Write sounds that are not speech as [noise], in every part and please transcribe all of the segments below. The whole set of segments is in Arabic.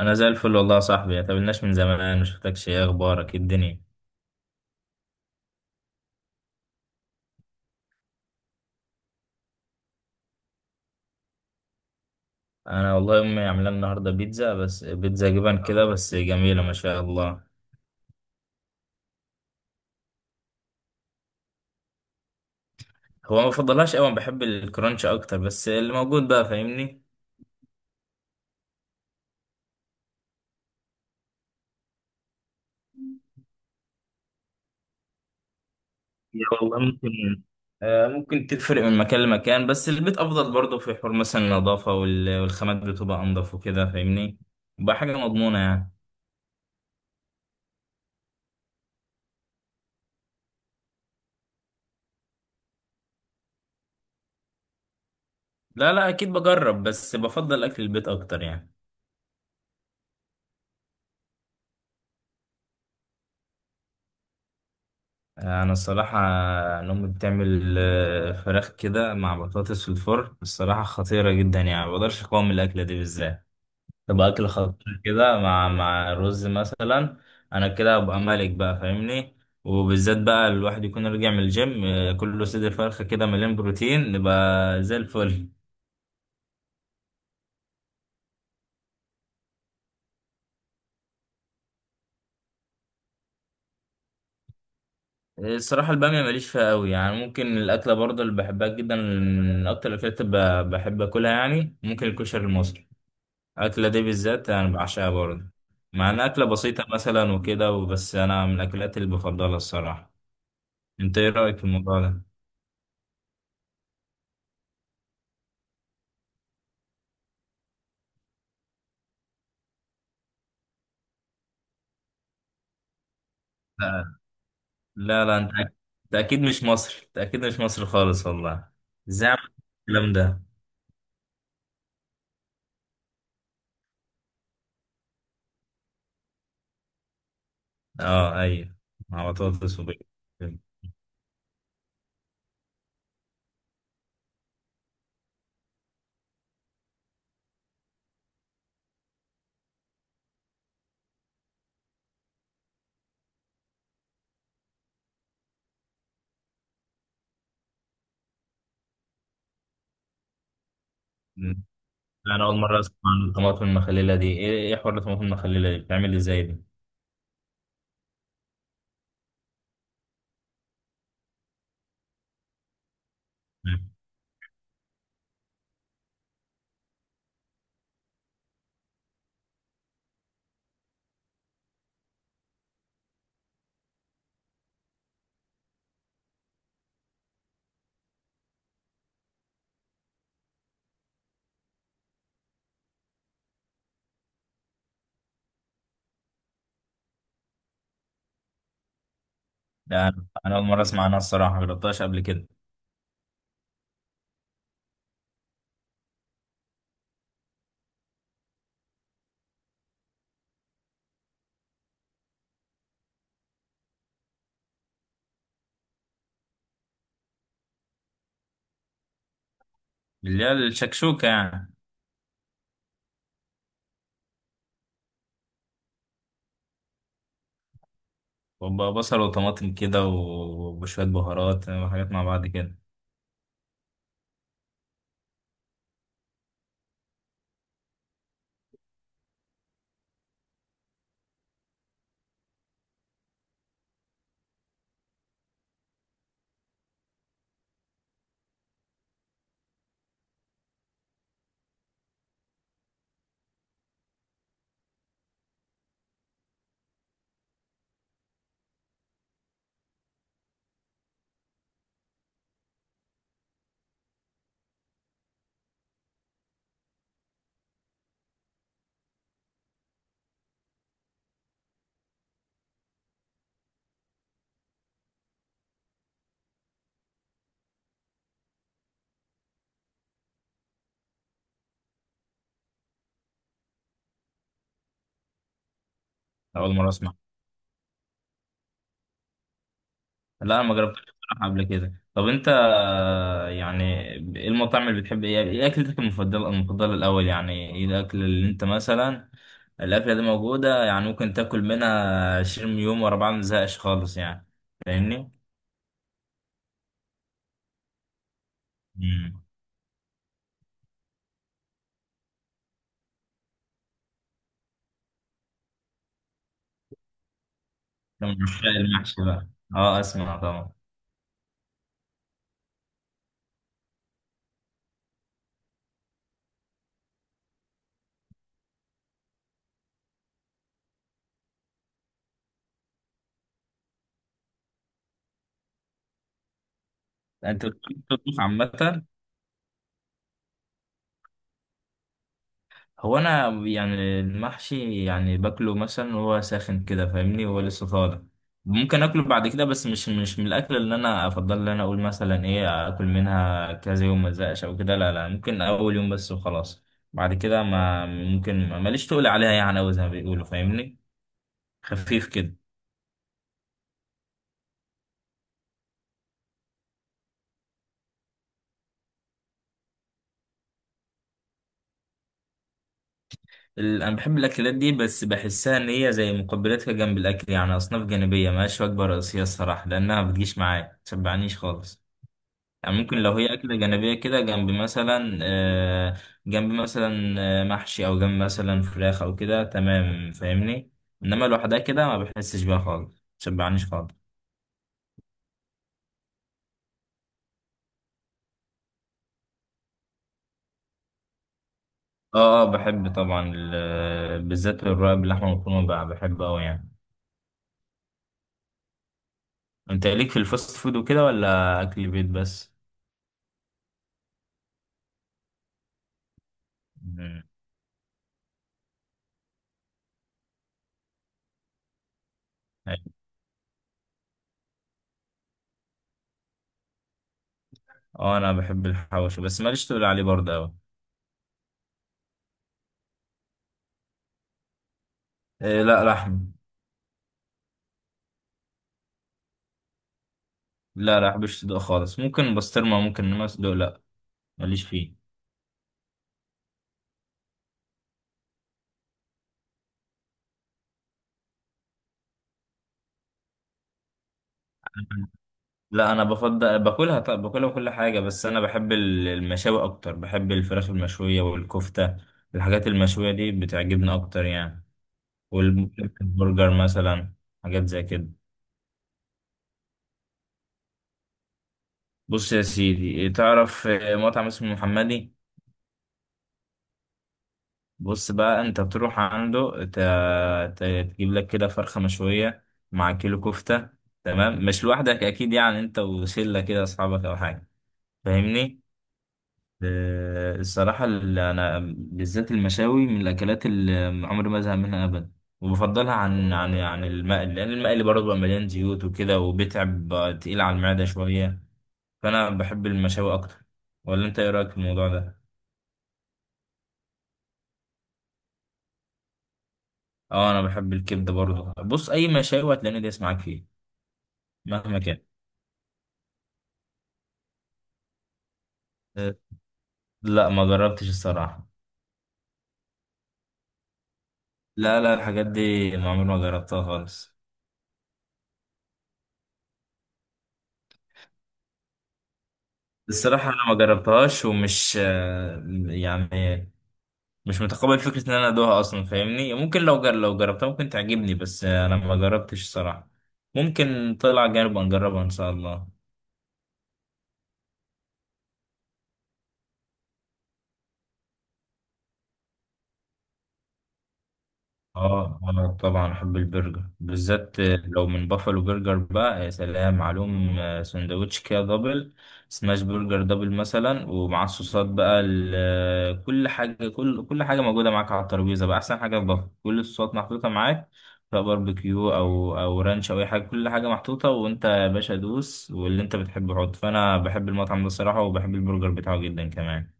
انا زي الفل والله يا صاحبي، ما تقابلناش من زمان، ما شفتكش. ايه اخبارك؟ إيه الدنيا؟ انا والله امي عامله لنا النهارده بيتزا، بس بيتزا جبن كده، بس جميله ما شاء الله. هو ما بفضلهاش قوي، أنا بحب الكرانش اكتر، بس اللي موجود بقى فاهمني. يا والله ممكن، ممكن تفرق من مكان لمكان، بس البيت افضل برضه. في حوار مثلا النظافه والخامات بتبقى انضف وكده فاهمني. بقى حاجه مضمونه يعني. لا لا، اكيد بجرب بس بفضل اكل البيت اكتر يعني. انا الصراحه. إن امي بتعمل فراخ كده مع بطاطس في الفرن، الصراحه خطيره جدا يعني، ما بقدرش اقاوم الاكله دي بالذات. تبقى اكل خطير كده مع رز مثلا. انا كده ابقى ملك بقى فاهمني. وبالذات بقى الواحد يكون راجع من الجيم، كله صدر فرخه كده مليان بروتين نبقى زي الفل. الصراحة البامية ماليش فيها قوي يعني. ممكن الأكلة برضه اللي بحبها جدا، من أكتر الأكلات اللي بحب أكلها يعني ممكن الكشري المصري. الأكلة دي بالذات أنا بعشقها برضه، مع إنها أكلة بسيطة مثلا وكده، وبس أنا من الأكلات اللي بفضلها الصراحة. أنت إيه رأيك في الموضوع ده؟ لا لا لا، أنت أكيد مش مصري، أنت أكيد مش مصري خالص والله. إزاي عملت الكلام ده؟ أه أيوه، مع بطاطس وبيض. [laughs] أنا أول مرة أسمع عن الطماطم المخللة دي. إيه إيه حوار الطماطم المخللة دي؟ بتعمل إزاي دي؟ لا، أنا أول مرة أسمع عنها الصراحة، مجربتهاش قبل كده. اللي هي الشكشوكة يعني؟ وبقى بصل وطماطم كده وشوية بهارات وحاجات مع بعض كده. أول مرة أسمع. لا، أنا ما جربتهاش بصراحة قبل كده. طب أنت يعني إيه المطاعم اللي بتحب؟ إيه إيه أكلتك المفضلة المفضلة الأول؟ يعني إيه الأكل اللي أنت مثلا الأكلة دي موجودة يعني ممكن تاكل منها 20 يوم ورا بعض، مزهقش خالص يعني. فاهمني؟ امم. من عشاق المحشي بقى. أه، أسمع طبعا. أنت بتطبخ عامة؟ هو انا يعني المحشي يعني باكله مثلا وهو ساخن كده فاهمني، وهو لسه طالع. ممكن اكله بعد كده، بس مش من الاكل اللي انا افضل ان انا اقول مثلا ايه اكل منها كذا يوم ما ازهقش او كده. لا لا، ممكن اول يوم بس وخلاص. بعد كده ما ممكن، ماليش تقول عليها يعني أوي زي ما بيقولوا فاهمني. خفيف كده. انا بحب الاكلات دي، بس بحسها ان هي زي مقبلات كده جنب الاكل يعني، اصناف جانبيه ملهاش وجبه رئيسيه الصراحه، لانها بتجيش معايا متشبعنيش خالص. يعني ممكن لو هي أكلة جانبية كده جنب مثلا جنب مثلا محشي أو جنب مثلا فراخ أو كده تمام فاهمني. إنما لوحدها كده، ما بحسش بيها خالص، مشبعنيش خالص. اه اه، بحب طبعا. بالذات الرقاق باللحمة المفرومة بقى بحبه أوي يعني. أنت ليك في الفاست فود وكده ولا أكل بيت بس؟ مم. أيوة. اه، أنا بحب الحواوشي بس ماليش تقول عليه برضه أوي. إيه، لا لحم. لا لا، بحبش صدق خالص. ممكن بسطرمة ممكن، إنما صدق لا. ماليش فيه. لا، انا بفضل باكلها طب، باكلها كل حاجه، بس انا بحب المشاوي اكتر، بحب الفراخ المشويه والكفته. الحاجات المشويه دي بتعجبني اكتر يعني. والبرجر مثلا، حاجات زي كده. بص يا سيدي، تعرف مطعم اسمه محمدي؟ بص بقى، انت تروح عنده، ت- تجيب لك كده فرخه مشويه مع كيلو كفته. تمام، مش لوحدك اكيد يعني، انت وشله كده اصحابك او حاجه فاهمني. الصراحة اللي أنا بالذات المشاوي من الأكلات اللي عمري ما أزهق منها أبدا. وبفضلها عن المقلي، لأن المقلي برضه بيبقى مليان زيوت وكده، وبيتعب بقى تقيل على المعدة شوية. فأنا بحب المشاوي أكتر. ولا أنت إيه رأيك في الموضوع ده؟ أه، أنا بحب الكبدة برضه. بص، أي مشاوي هتلاقيني دايس معاك فيه مهما كان. آه، لا، ما جربتش الصراحة. لا لا، الحاجات دي ما عمري ما جربتها خالص. الصراحة أنا ما جربتهاش ومش، يعني مش متقبل فكرة ان انا ادوها اصلا فاهمني. ممكن لو لو جربتها ممكن تعجبني، بس انا ما جربتش الصراحة. ممكن طلع جانب نجربها ان شاء الله. اه اه، طبعا بحب البرجر بالذات. لو من بافلو برجر بقى يا سلام عليهم. سندوتش كده دبل، سماش برجر دبل مثلا، ومعاه الصوصات بقى كل حاجه، كل حاجه موجوده معاك على الترابيزه، بقى احسن حاجه في بافلو كل الصوصات محطوطه معاك، سواء باربيكيو او رانش او اي حاجه، كل حاجه محطوطه، وانت يا باشا دوس واللي انت بتحبه حط. فانا بحب المطعم ده الصراحه، وبحب البرجر بتاعه جدا كمان.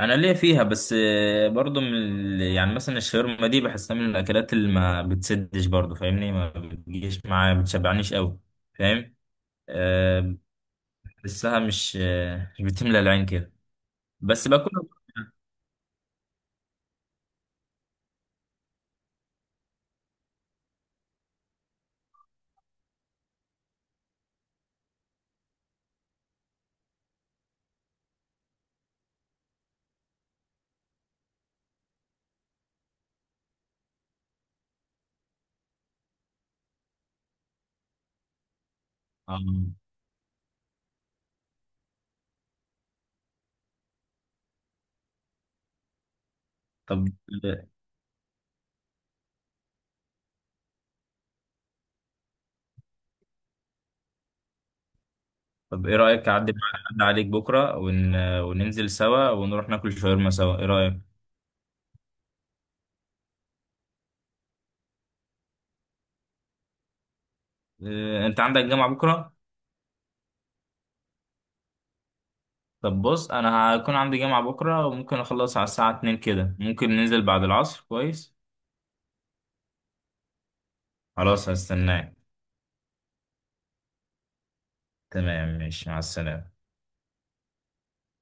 انا ليا فيها بس، برضو من يعني مثلا الشاورما دي بحسها من الاكلات اللي ما بتسدش برضو فاهمني، ما بتجيش معايا ما بتشبعنيش قوي. فاهم. أه، بحسها مش بتملى العين كده. بس باكلها برضو. آه. طب طب ايه رايك، اعدي أعدي عليك بكره وننزل سوا ونروح ناكل شاورما سوا، ايه رايك؟ أه، انت عندك جامعه بكره؟ طب بص، انا هكون عندي جامعه بكره وممكن اخلص على الساعه 2 كده، ممكن ننزل بعد العصر كويس. خلاص، هستناك. تمام، ماشي، مع السلامة.